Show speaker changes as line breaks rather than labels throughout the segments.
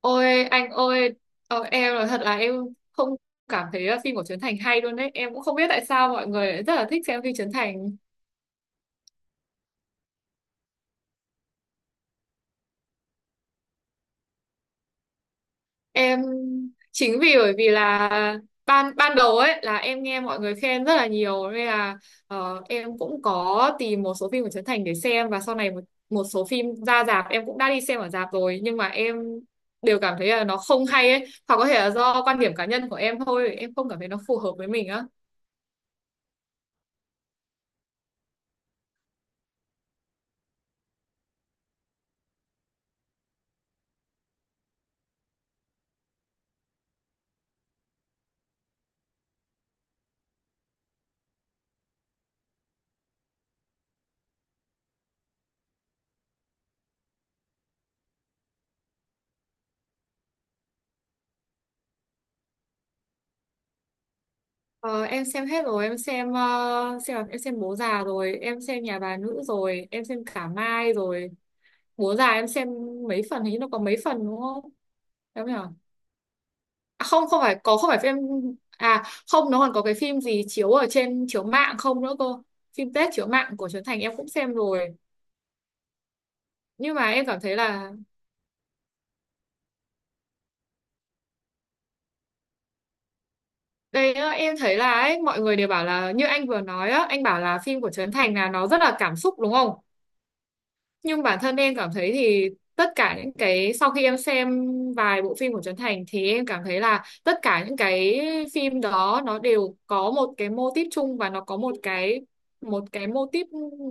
Ôi anh ơi, em nói thật là em không cảm thấy là phim của Trấn Thành hay luôn đấy. Em cũng không biết tại sao mọi người lại rất là thích xem phim Trấn Thành. Em chính vì bởi vì là ban ban đầu ấy là em nghe mọi người khen rất là nhiều nên là em cũng có tìm một số phim của Trấn Thành để xem và sau này một một số phim ra rạp em cũng đã đi xem ở rạp rồi nhưng mà em đều cảm thấy là nó không hay ấy. Hoặc có thể là do quan điểm cá nhân của em thôi, em không cảm thấy nó phù hợp với mình á. Ờ, em xem hết rồi, em xem Bố già rồi, em xem Nhà bà nữ rồi, em xem Cả Mai rồi. Bố già em xem mấy phần, hình như nó có mấy phần đúng không? Đúng nhỉ? À, không, không phải, có không phải phim, à không, nó còn có cái phim gì chiếu ở trên chiếu mạng không nữa cơ. Phim Tết chiếu mạng của Trấn Thành em cũng xem rồi. Nhưng mà em cảm thấy là đây á, em thấy là ấy, mọi người đều bảo là như anh vừa nói á, anh bảo là phim của Trấn Thành là nó rất là cảm xúc đúng không? Nhưng bản thân em cảm thấy thì tất cả những cái sau khi em xem vài bộ phim của Trấn Thành thì em cảm thấy là tất cả những cái phim đó nó đều có một cái mô típ chung và nó có một cái mô típ,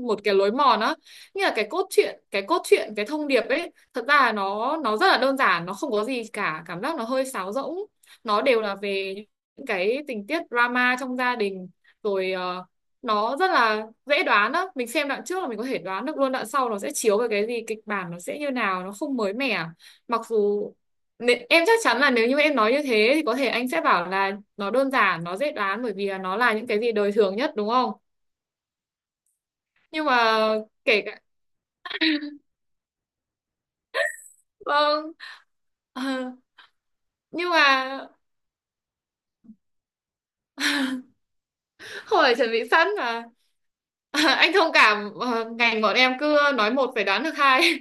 một cái lối mòn á, như là cái cốt truyện cái thông điệp ấy, thật ra là nó rất là đơn giản, nó không có gì cả, cảm giác nó hơi sáo rỗng, nó đều là về những cái tình tiết drama trong gia đình rồi. Ờ, nó rất là dễ đoán đó, mình xem đoạn trước là mình có thể đoán được luôn đoạn sau nó sẽ chiếu về cái gì, kịch bản nó sẽ như nào, nó không mới mẻ. Mặc dù em chắc chắn là nếu như em nói như thế thì có thể anh sẽ bảo là nó đơn giản, nó dễ đoán bởi vì là nó là những cái gì đời thường nhất đúng không, nhưng mà kể cả, vâng. Ờ, nhưng mà không phải chuẩn bị sẵn mà anh thông cảm, ngành bọn em cứ nói một phải đoán được hai.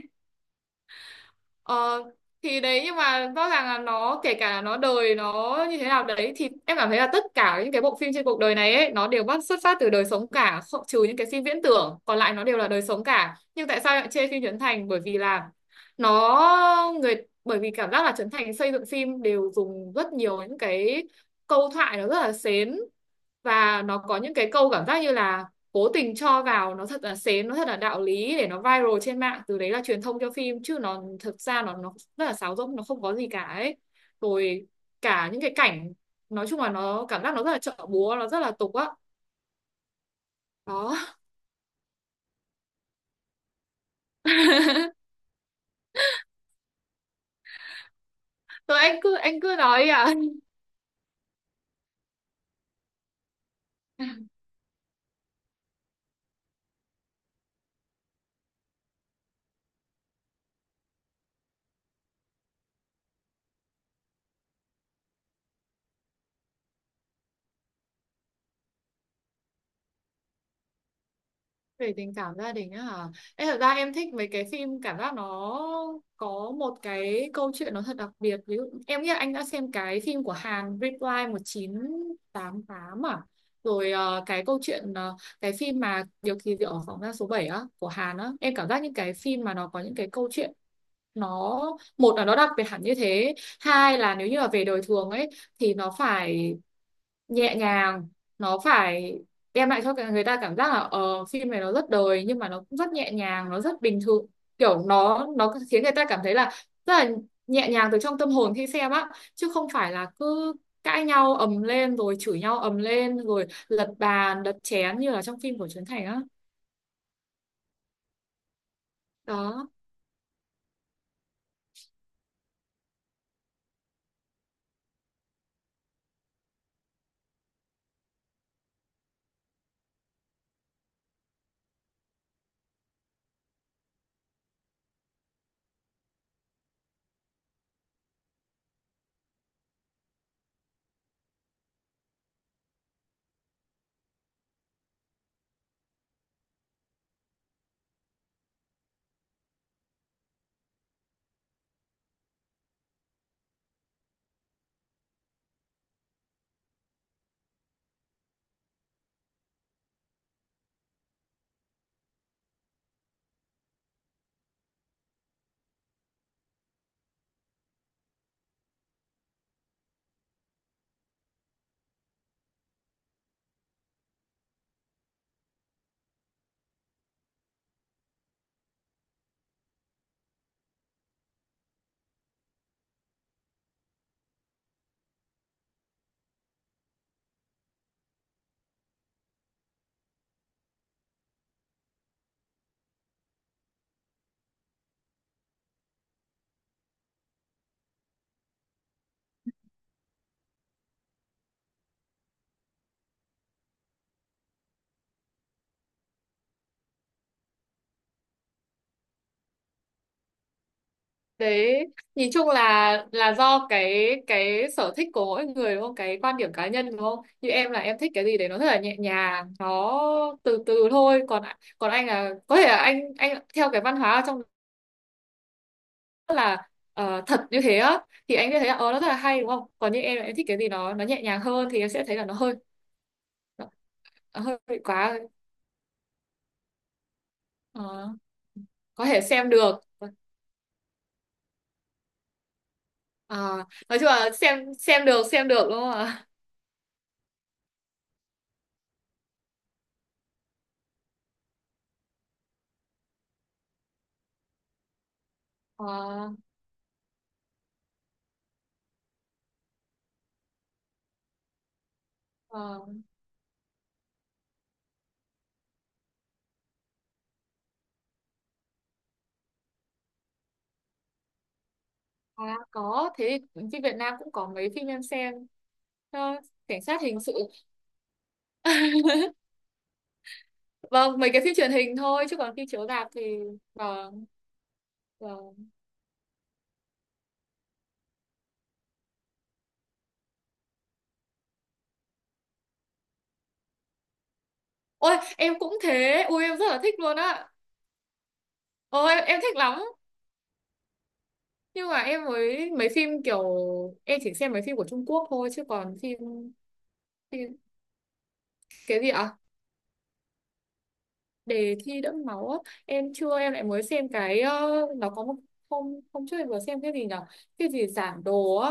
Ờ, thì đấy, nhưng mà rõ ràng là nó kể cả là nó đời nó như thế nào đấy, thì em cảm thấy là tất cả những cái bộ phim trên cuộc đời này ấy nó đều bắt xuất phát từ đời sống cả, không, trừ những cái phim viễn tưởng, còn lại nó đều là đời sống cả, nhưng tại sao lại chê phim Trấn Thành, bởi vì là nó người, bởi vì cảm giác là Trấn Thành xây dựng phim đều dùng rất nhiều những cái câu thoại nó rất là xến, và nó có những cái câu cảm giác như là cố tình cho vào nó thật là sến, nó thật là đạo lý để nó viral trên mạng, từ đấy là truyền thông cho phim, chứ nó thực ra nó rất là sáo rỗng, nó không có gì cả ấy. Rồi cả những cái cảnh, nói chung là nó cảm giác nó rất là chợ búa, nó rất là tục á, đó. Rồi anh cứ nói đi ạ. Về tình cảm gia đình á hả, em thật ra em thích mấy cái phim cảm giác nó có một cái câu chuyện nó thật đặc biệt, ví dụ em nghĩ là anh đã xem cái phim của Hàn, Reply 1988 à, rồi cái câu chuyện, cái phim mà Điều kỳ diệu ở phòng giam số 7 á của Hàn á, em cảm giác những cái phim mà nó có những cái câu chuyện, nó một là nó đặc biệt hẳn như thế, hai là nếu như là về đời thường ấy thì nó phải nhẹ nhàng, nó phải đem lại cho cả người ta cảm giác là phim này nó rất đời nhưng mà nó cũng rất nhẹ nhàng, nó rất bình thường, kiểu nó khiến người ta cảm thấy là rất là nhẹ nhàng từ trong tâm hồn khi xem á, chứ không phải là cứ cãi nhau ầm lên rồi chửi nhau ầm lên rồi lật bàn đập chén như là trong phim của Trấn Thành á, đó, đấy. Nhìn chung là do cái sở thích của mỗi người đúng không, cái quan điểm cá nhân đúng không, như em là em thích cái gì đấy nó rất là nhẹ nhàng, nó từ từ thôi, còn còn anh là có thể là anh theo cái văn hóa ở trong rất là, thật như thế á, thì anh sẽ thấy là ờ nó rất là hay đúng không, còn như em là em thích cái gì nó nhẹ nhàng hơn thì em sẽ thấy là nó hơi, nó, nó hơi bị quá rồi. Ờ, có thể xem được. Ờ, nói chung là xem được, xem được đúng không ạ. Ờ, ờ. À, có thế, phim Việt Nam cũng có mấy phim em xem. Ờ, cảnh sát hình sự. Vâng, mấy cái phim truyền hình thôi chứ còn phim chiếu rạp thì, vâng, vâng, ôi em cũng thế, ui em rất là thích luôn á. Ôi em thích lắm, nhưng mà em mới mấy phim kiểu, em chỉ xem mấy phim của Trung Quốc thôi chứ còn phim, phim cái gì ạ? Đề thi đẫm máu á, em chưa, em lại mới xem cái, nó có một, hôm hôm trước em vừa xem cái gì nhở, cái gì giảng đồ á,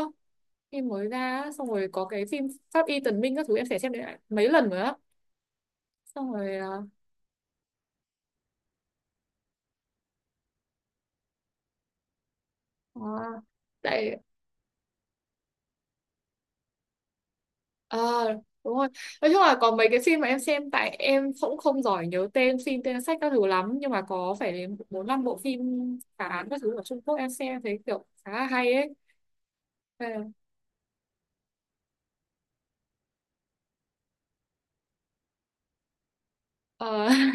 phim mới ra á, xong rồi có cái phim Pháp Y Tần Minh các thứ em sẽ xem lại mấy lần nữa á, xong rồi à, à, tại, à, đúng rồi. Nói chung là có mấy cái phim mà em xem, tại em cũng không giỏi nhớ tên phim tên sách các thứ lắm, nhưng mà có phải đến bốn năm bộ phim phá án các thứ của Trung Quốc em xem em thấy kiểu khá là hay ấy. Ờ,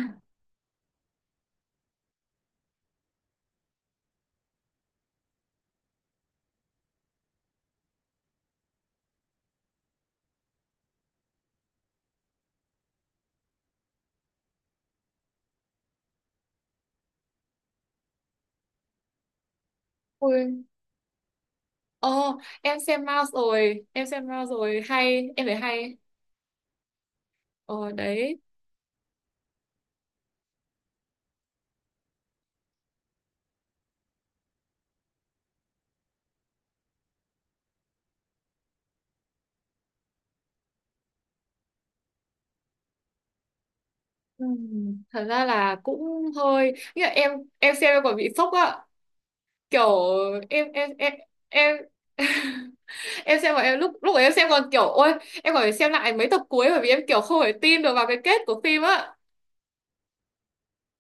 ui, ờ, em xem Mouse rồi, em xem Mouse rồi, hay, em thấy hay, ờ đấy. Thật ra là cũng hơi như là em xem em còn bị sốc á, kiểu, em em em em em xem mà em lúc lúc ấy em xem còn kiểu ôi, em còn phải xem lại mấy tập cuối bởi vì em kiểu không thể tin được vào cái kết của phim á.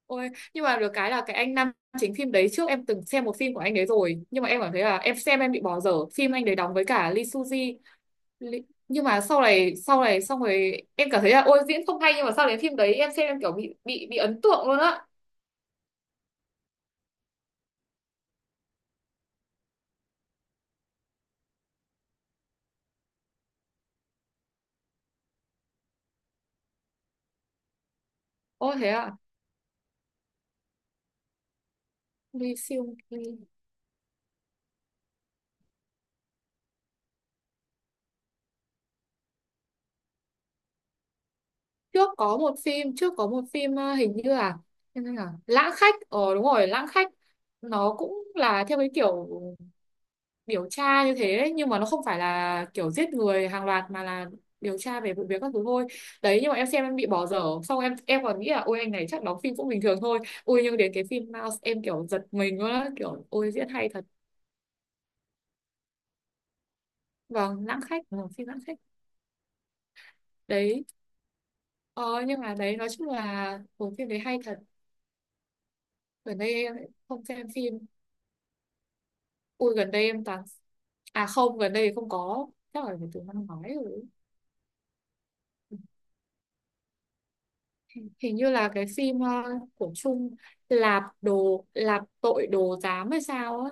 Ôi nhưng mà được cái là cái anh nam chính phim đấy trước em từng xem một phim của anh đấy rồi nhưng mà em cảm thấy là em xem em bị bỏ dở phim anh đấy đóng với cả Lee Suzy, Li- nhưng mà sau này xong rồi em cảm thấy là ôi diễn không hay, nhưng mà sau đến phim đấy em xem em kiểu bị bị ấn tượng luôn á. Ôi thế ạ, Lee Seung. Trước có một phim hình như là, hình như là Lãng Khách, ờ đúng rồi, Lãng Khách, nó cũng là theo cái kiểu điều tra như thế ấy, nhưng mà nó không phải là kiểu giết người hàng loạt mà là điều tra về vụ việc các thứ thôi đấy, nhưng mà em xem em bị bỏ dở xong em còn nghĩ là ôi anh này chắc đóng phim cũng bình thường thôi. Ôi nhưng đến cái phim Mouse em kiểu giật mình luôn á, kiểu ôi diễn hay thật. Vâng, Lãng Khách, ừ, phim Lãng Khách đấy. Ờ, nhưng mà đấy nói chung là bộ phim đấy hay thật. Gần đây em lại không xem phim. Ui gần đây em toàn, à không, gần đây không có, chắc là phải từ năm ngoái rồi. Hình như là cái phim của Trung, Lạp tội đồ giám hay sao á.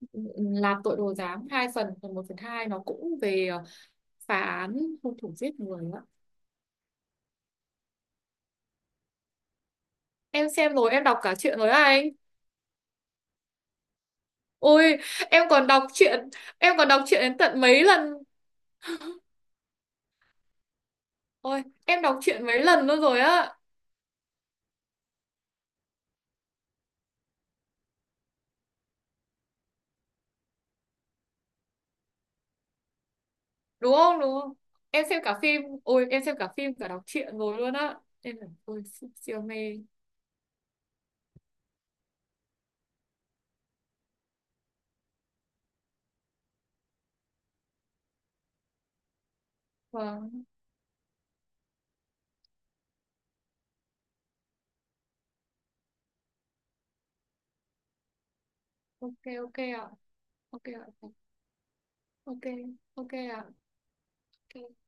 Ừ, ừ, Lạp tội đồ giám hai phần, phần một phần hai, nó cũng về phá án hung thủ giết người á. Em xem rồi, em đọc cả truyện rồi á anh. Ôi em còn đọc truyện, em còn đọc truyện đến tận mấy lần, ôi em đọc truyện mấy lần nữa rồi á. Đúng không, đúng không. Em xem cả phim, ôi em xem cả phim cả đọc truyện rồi luôn á, em là ôi siêu, siêu mê. Vâng. Ok, ok ạ. Ok ạ. Ok. Ok ạ. Ok.